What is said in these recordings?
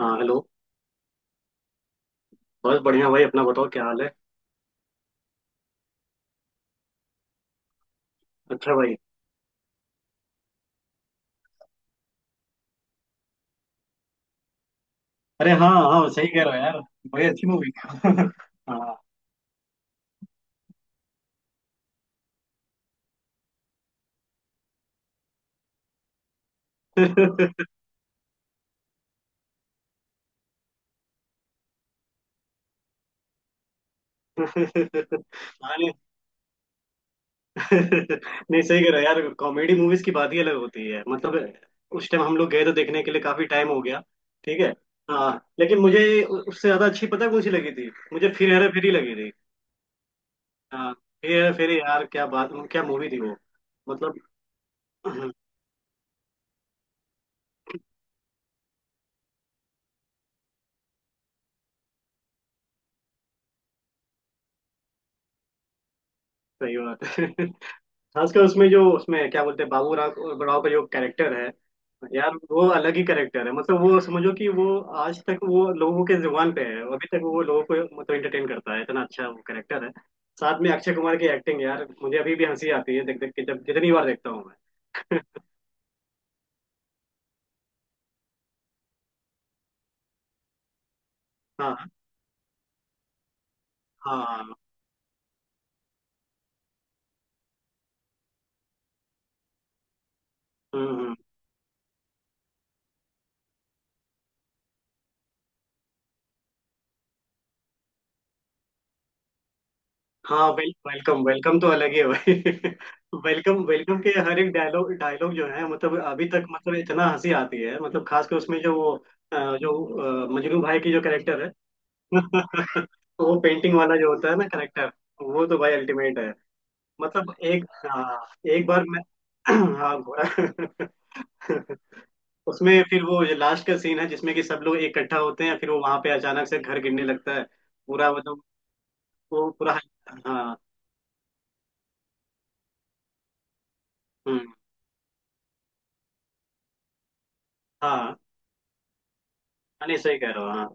हाँ हेलो। बस बढ़िया भाई, अपना बताओ क्या हाल है। अच्छा भाई। अरे हाँ हाँ, सही कह रहे हो यार। भाई अच्छी मूवी हाँ। हाँ, नहीं नहीं, सही कह रहे हो यार, कॉमेडी मूवीज की बात ही अलग होती है। मतलब उस टाइम हम लोग गए तो देखने के लिए काफी टाइम हो गया। ठीक है। हाँ। लेकिन मुझे उससे ज्यादा अच्छी पता है कौन सी लगी थी मुझे, फिर हेरा फेरी लगी थी। हाँ। फिर हेरा फेरी यार, क्या बात, क्या मूवी थी वो। मतलब हाँ, सही बात है। खासकर उसमें, जो उसमें क्या बोलते हैं, बाबू राव राव का जो कैरेक्टर है, यार वो अलग ही कैरेक्टर है। मतलब वो समझो कि वो आज तक वो लोगों के जुबान पे है, अभी तक वो लोगों को मतलब एंटरटेन करता है, इतना अच्छा वो कैरेक्टर है। साथ में अक्षय कुमार की एक्टिंग, यार मुझे अभी भी हंसी आती है देख देख के, जब जितनी बार देखता हूँ मैं। हाँ। हाँ। हम्म। हाँ, वेलकम वेलकम तो अलग ही है भाई। वेलकम वेलकम के हर एक डायलॉग डायलॉग जो है, मतलब अभी तक, मतलब इतना हंसी आती है, मतलब खास कर उसमें जो वो जो मजनू भाई की जो कैरेक्टर है। वो पेंटिंग वाला जो होता है ना कैरेक्टर, वो तो भाई अल्टीमेट है। मतलब एक, हाँ एक बार मैं हाँ घोड़ा। उसमें फिर वो जो लास्ट का सीन है, जिसमें कि सब लोग इकट्ठा होते हैं, फिर वो वहां पे अचानक से घर गिरने लगता है, पूरा मतलब, वो पूरा। हाँ। हम्म। हाँ। हाँ, नहीं सही कह रहे हो। हाँ।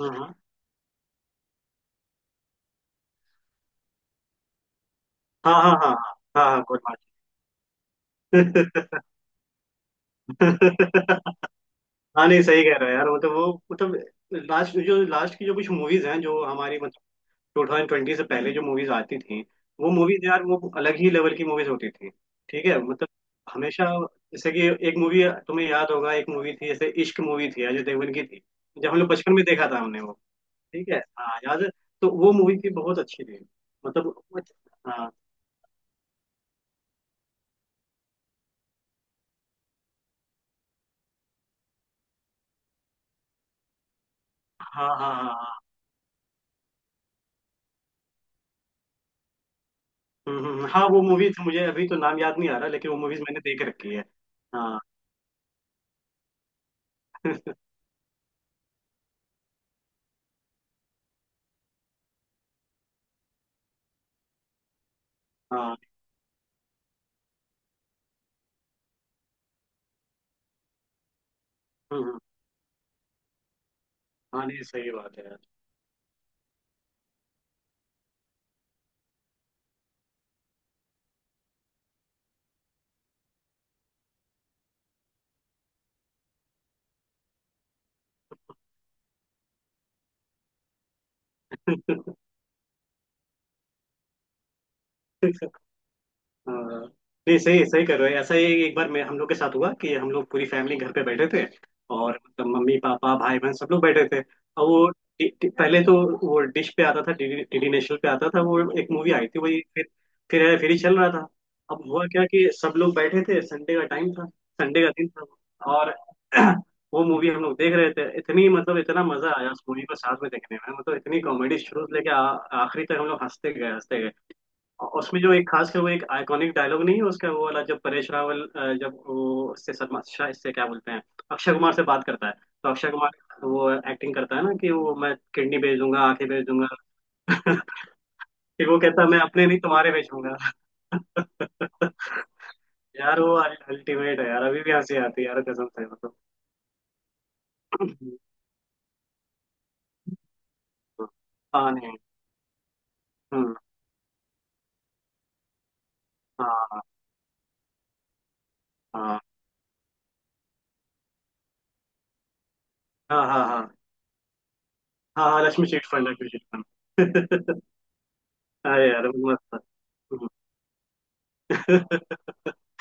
हाँ हाँ हाँ। हाँ हाँ हाँ। Good morning. हाँ, नहीं सही कह रहे हो यार, मतलब वो, मतलब लास्ट, जो लास्ट की जो कुछ मूवीज हैं जो हमारी, मतलब टू थाउजेंड ट्वेंटी से पहले जो मूवीज आती थी, वो मूवीज यार वो अलग ही लेवल की मूवीज होती थी। ठीक है, मतलब हमेशा। जैसे कि एक मूवी तुम्हें याद होगा, एक मूवी थी जैसे इश्क मूवी थी, अजय देवगन की थी, जब हम लोग बचपन में देखा था हमने वो। ठीक है, हाँ याद है? तो वो मूवी थी बहुत अच्छी थी, मतलब। हाँ हाँ हाँ हाँ। हाँ। हाँ वो मूवीज मुझे अभी तो नाम याद नहीं आ रहा, लेकिन वो मूवीज मैंने देख रखी है। हाँ। हाँ। हम्म, हाँ नहीं सही बात है। यार हाँ, नहीं सही सही कर रहे हो। ऐसा ही एक बार मैं, हम लोग के साथ हुआ कि हम लोग पूरी फैमिली घर पे बैठे थे, और मतलब मम्मी पापा भाई बहन सब लोग बैठे थे। और वो डि- डि- पहले तो वो डिश पे आता था, डीडी डीडी नेशनल पे आता था, वो एक मूवी आई थी वही। फिर फिर ही चल रहा था। अब हुआ क्या कि सब लोग बैठे थे, संडे का टाइम था, संडे का दिन था। और वो मूवी हम लोग देख रहे थे, इतनी मतलब इतना मजा आया उस मूवी को साथ में देखने में, मतलब इतनी कॉमेडी, शुरू से लेके आखिरी तक हम लोग हंसते गए हंसते गए। उसमें जो एक खास कर वो एक आइकॉनिक डायलॉग नहीं है उसका, वो वाला जब परेश रावल जब वो इससे सलमान शाह इससे क्या बोलते हैं, अक्षय कुमार से बात करता है, तो अक्षय कुमार वो एक्टिंग करता है ना कि वो, मैं किडनी बेच दूंगा, आंखें बेच दूंगा, कि वो कहता है मैं अपने नहीं तुम्हारे बेचूंगा। यार वो अल्टीमेट है यार, अभी भी हंसी आती है यार, कसम से मतलब। हाँ नहीं। हम्म। हाँ हाँ हाँ। हाँ हाँ हाँ। हाँ Laxmi chit fund, Laxmi chit fund. अरे यार मस्त था।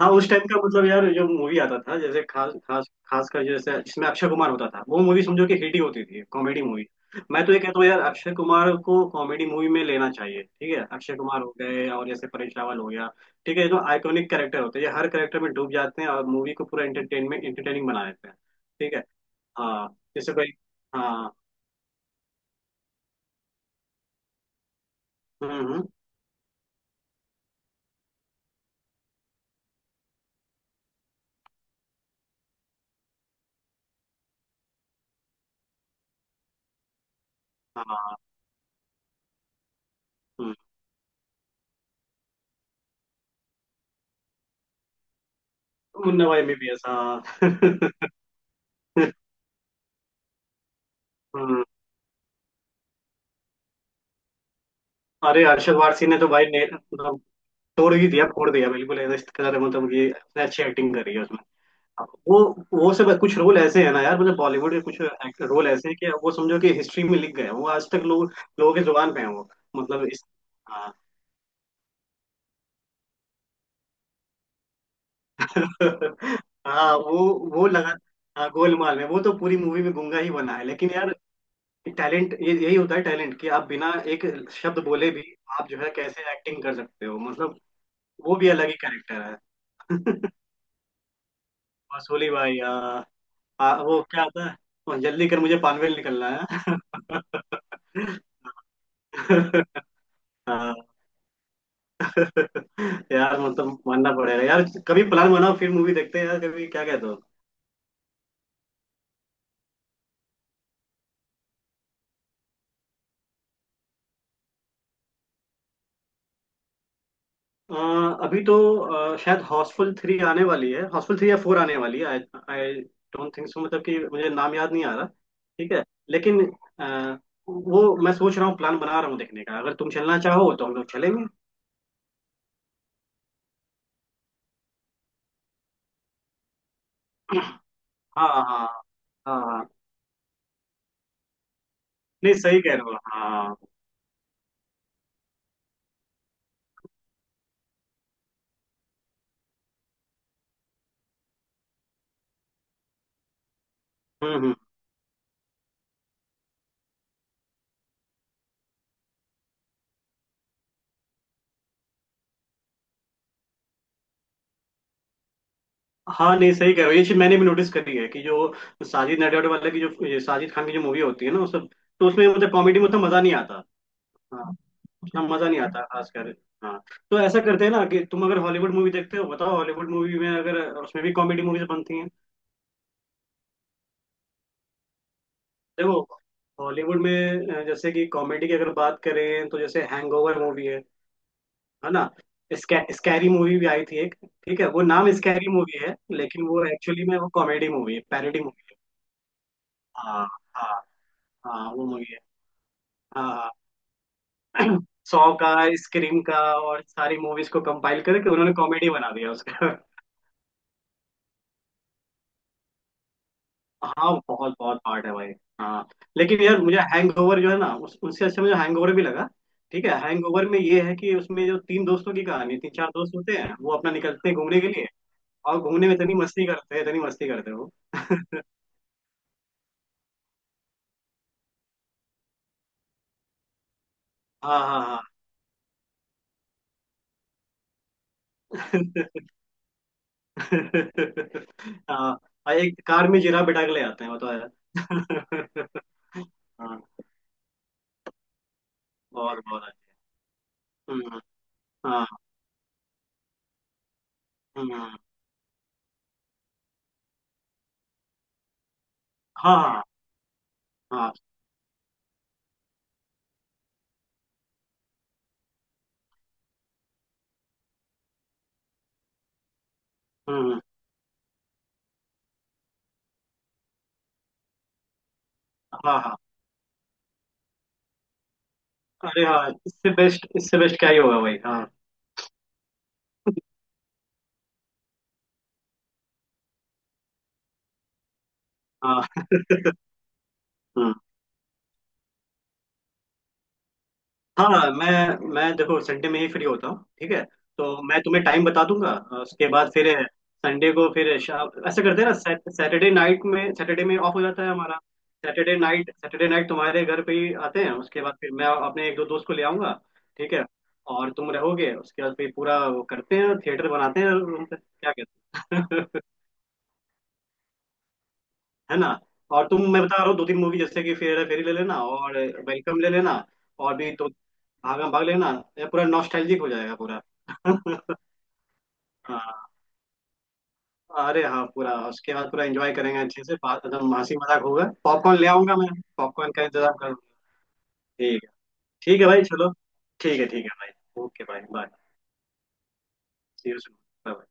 हाँ उस टाइम का, मतलब यार जो मूवी आता था, जैसे खास खास खास कर, जैसे जिसमें अक्षय कुमार होता था, वो मूवी समझो कि हिट ही होती थी, कॉमेडी मूवी। मैं तो ये कहता हूँ यार, अक्षय कुमार को कॉमेडी मूवी में लेना चाहिए, ठीक है। अक्षय कुमार हो गए और जैसे परेश रावल हो गया, ठीक है, ये तो आइकॉनिक कैरेक्टर होते हैं। ये हर कैरेक्टर में डूब जाते हैं और मूवी को पूरा एंटरटेनमेंट एंटरटेनिंग बना देते हैं। ठीक है। हाँ, जैसे कोई। हाँ। हम्म हम्म, हाँ। हम्म, मुन्ना भाई एमबीबीएस हाँ। हम्म। अरे अरशद वारसी ने तो भाई, ने मतलब तोड़ ही दिया, फोड़ दिया बिल्कुल, ऐसा इसके साथ। मतलब ये इसने अच्छी एक्टिंग करी है उसमें। वो वो सब कुछ रोल ऐसे है ना यार, मतलब बॉलीवुड के कुछ रोल ऐसे हैं कि वो समझो कि हिस्ट्री में लिख गए हैं। वो आज तक लोग, लोगों के जुबान पे है वो, मतलब इस। हाँ। हाँ वो, लगा। हाँ गोलमाल में वो तो पूरी मूवी में गूंगा ही बना है, लेकिन यार टैलेंट ये यही होता है टैलेंट, कि आप बिना एक शब्द बोले भी आप जो है कैसे एक्टिंग कर सकते हो, मतलब। वो भी अलग ही कैरेक्टर है। मसूली भाई, वो क्या आता है, वो जल्दी कर मुझे पानवेल निकलना है। हाँ यार, मतलब मानना पड़ेगा यार। कभी प्लान बनाओ फिर मूवी देखते हैं यार, कभी, क्या कहते हो? अ, अभी तो, शायद हाउसफुल थ्री आने वाली है, हाउसफुल थ्री या फोर आने वाली है। आई डोंट थिंक सो, मतलब कि मुझे नाम याद नहीं आ रहा, ठीक है। लेकिन अ, वो, मैं सोच रहा हूँ, प्लान बना रहा हूँ देखने का, अगर तुम चलना चाहो तो हम लोग चलेंगे। हाँ हाँ हाँ। हाँ नहीं सही कह रहे हो, हाँ हाँ। हम्म हम्म। हाँ नहीं सही कह रहे हो, ये चीज मैंने भी नोटिस करी है कि जो साजिद नडियाड वाले की जो, ये साजिद खान की जो मूवी होती है ना, उसमें तो उसमें मतलब कॉमेडी में उतना मजा नहीं आता। हाँ उतना मजा नहीं आता, खासकर। हाँ तो ऐसा करते हैं ना कि तुम अगर हॉलीवुड मूवी देखते हो, बताओ हॉलीवुड मूवी में, अगर उसमें भी कॉमेडी मूवीज बनती हैं। देखो हॉलीवुड में जैसे कि कॉमेडी की अगर बात करें, तो जैसे हैंगओवर मूवी है ना। स्कैरी मूवी भी आई थी एक, ठीक है, वो नाम स्कैरी मूवी है लेकिन वो एक्चुअली में वो कॉमेडी मूवी है, पैरोडी मूवी है। हाँ हाँ। हाँ वो मूवी। हाँ सॉ का, स्क्रीम का और सारी मूवीज को कंपाइल करके उन्होंने कॉमेडी बना दिया उसका। हाँ बहुत बहुत पार्ट है भाई। हाँ लेकिन यार मुझे हैंगओवर जो है ना उससे अच्छा मुझे हैंगओवर भी लगा। ठीक है, हैंगओवर में ये है कि उसमें जो तीन दोस्तों की कहानी, तीन चार दोस्त होते हैं, वो अपना निकलते हैं घूमने के लिए, और घूमने में इतनी मस्ती करते हैं, इतनी मस्ती करते हैं वो। हाँ हाँ हाँ। हाँ, और एक कार में जिराफ बिठा के ले आते हैं, वो तो है। हाँ बहुत बहुत अच्छा। हम्म, हाँ। हम्म। हाँ, हाँ, हुँ, हाँ, हाँ। अरे हाँ, इससे बेस्ट, इससे बेस्ट क्या ही होगा भाई। हाँ। हाँ। हम्म, हाँ मैं देखो, संडे में ही फ्री होता हूँ, ठीक है। तो मैं तुम्हें टाइम बता दूंगा, उसके बाद फिर संडे को फिर शाम, ऐसे करते हैं ना, सैटरडे नाइट में, सैटरडे में ऑफ हो जाता है हमारा। सैटरडे नाइट, सैटरडे नाइट तुम्हारे घर पे ही आते हैं, उसके बाद फिर मैं अपने एक दो दोस्त को ले आऊंगा। ठीक है, और तुम रहोगे, उसके बाद फिर पूरा वो करते हैं, थिएटर बनाते हैं रूम पे, क्या कहते हैं। है ना। और तुम, मैं बता रहा हूँ दो तीन मूवी, जैसे कि फेर फेरी ले लेना और वेलकम ले लेना, और भी तो भागम भाग लेना। ये पूरा नॉस्टैल्जिक हो जाएगा पूरा। हाँ। अरे हाँ पूरा, उसके बाद पूरा एंजॉय करेंगे अच्छे से, बात एकदम हंसी मजाक होगा, पॉपकॉर्न ले आऊंगा मैं। पॉपकॉर्न का इंतजाम करूंगा। ठीक है, ठीक है भाई चलो। ठीक है भाई, ओके भाई bye. See you soon. Bye.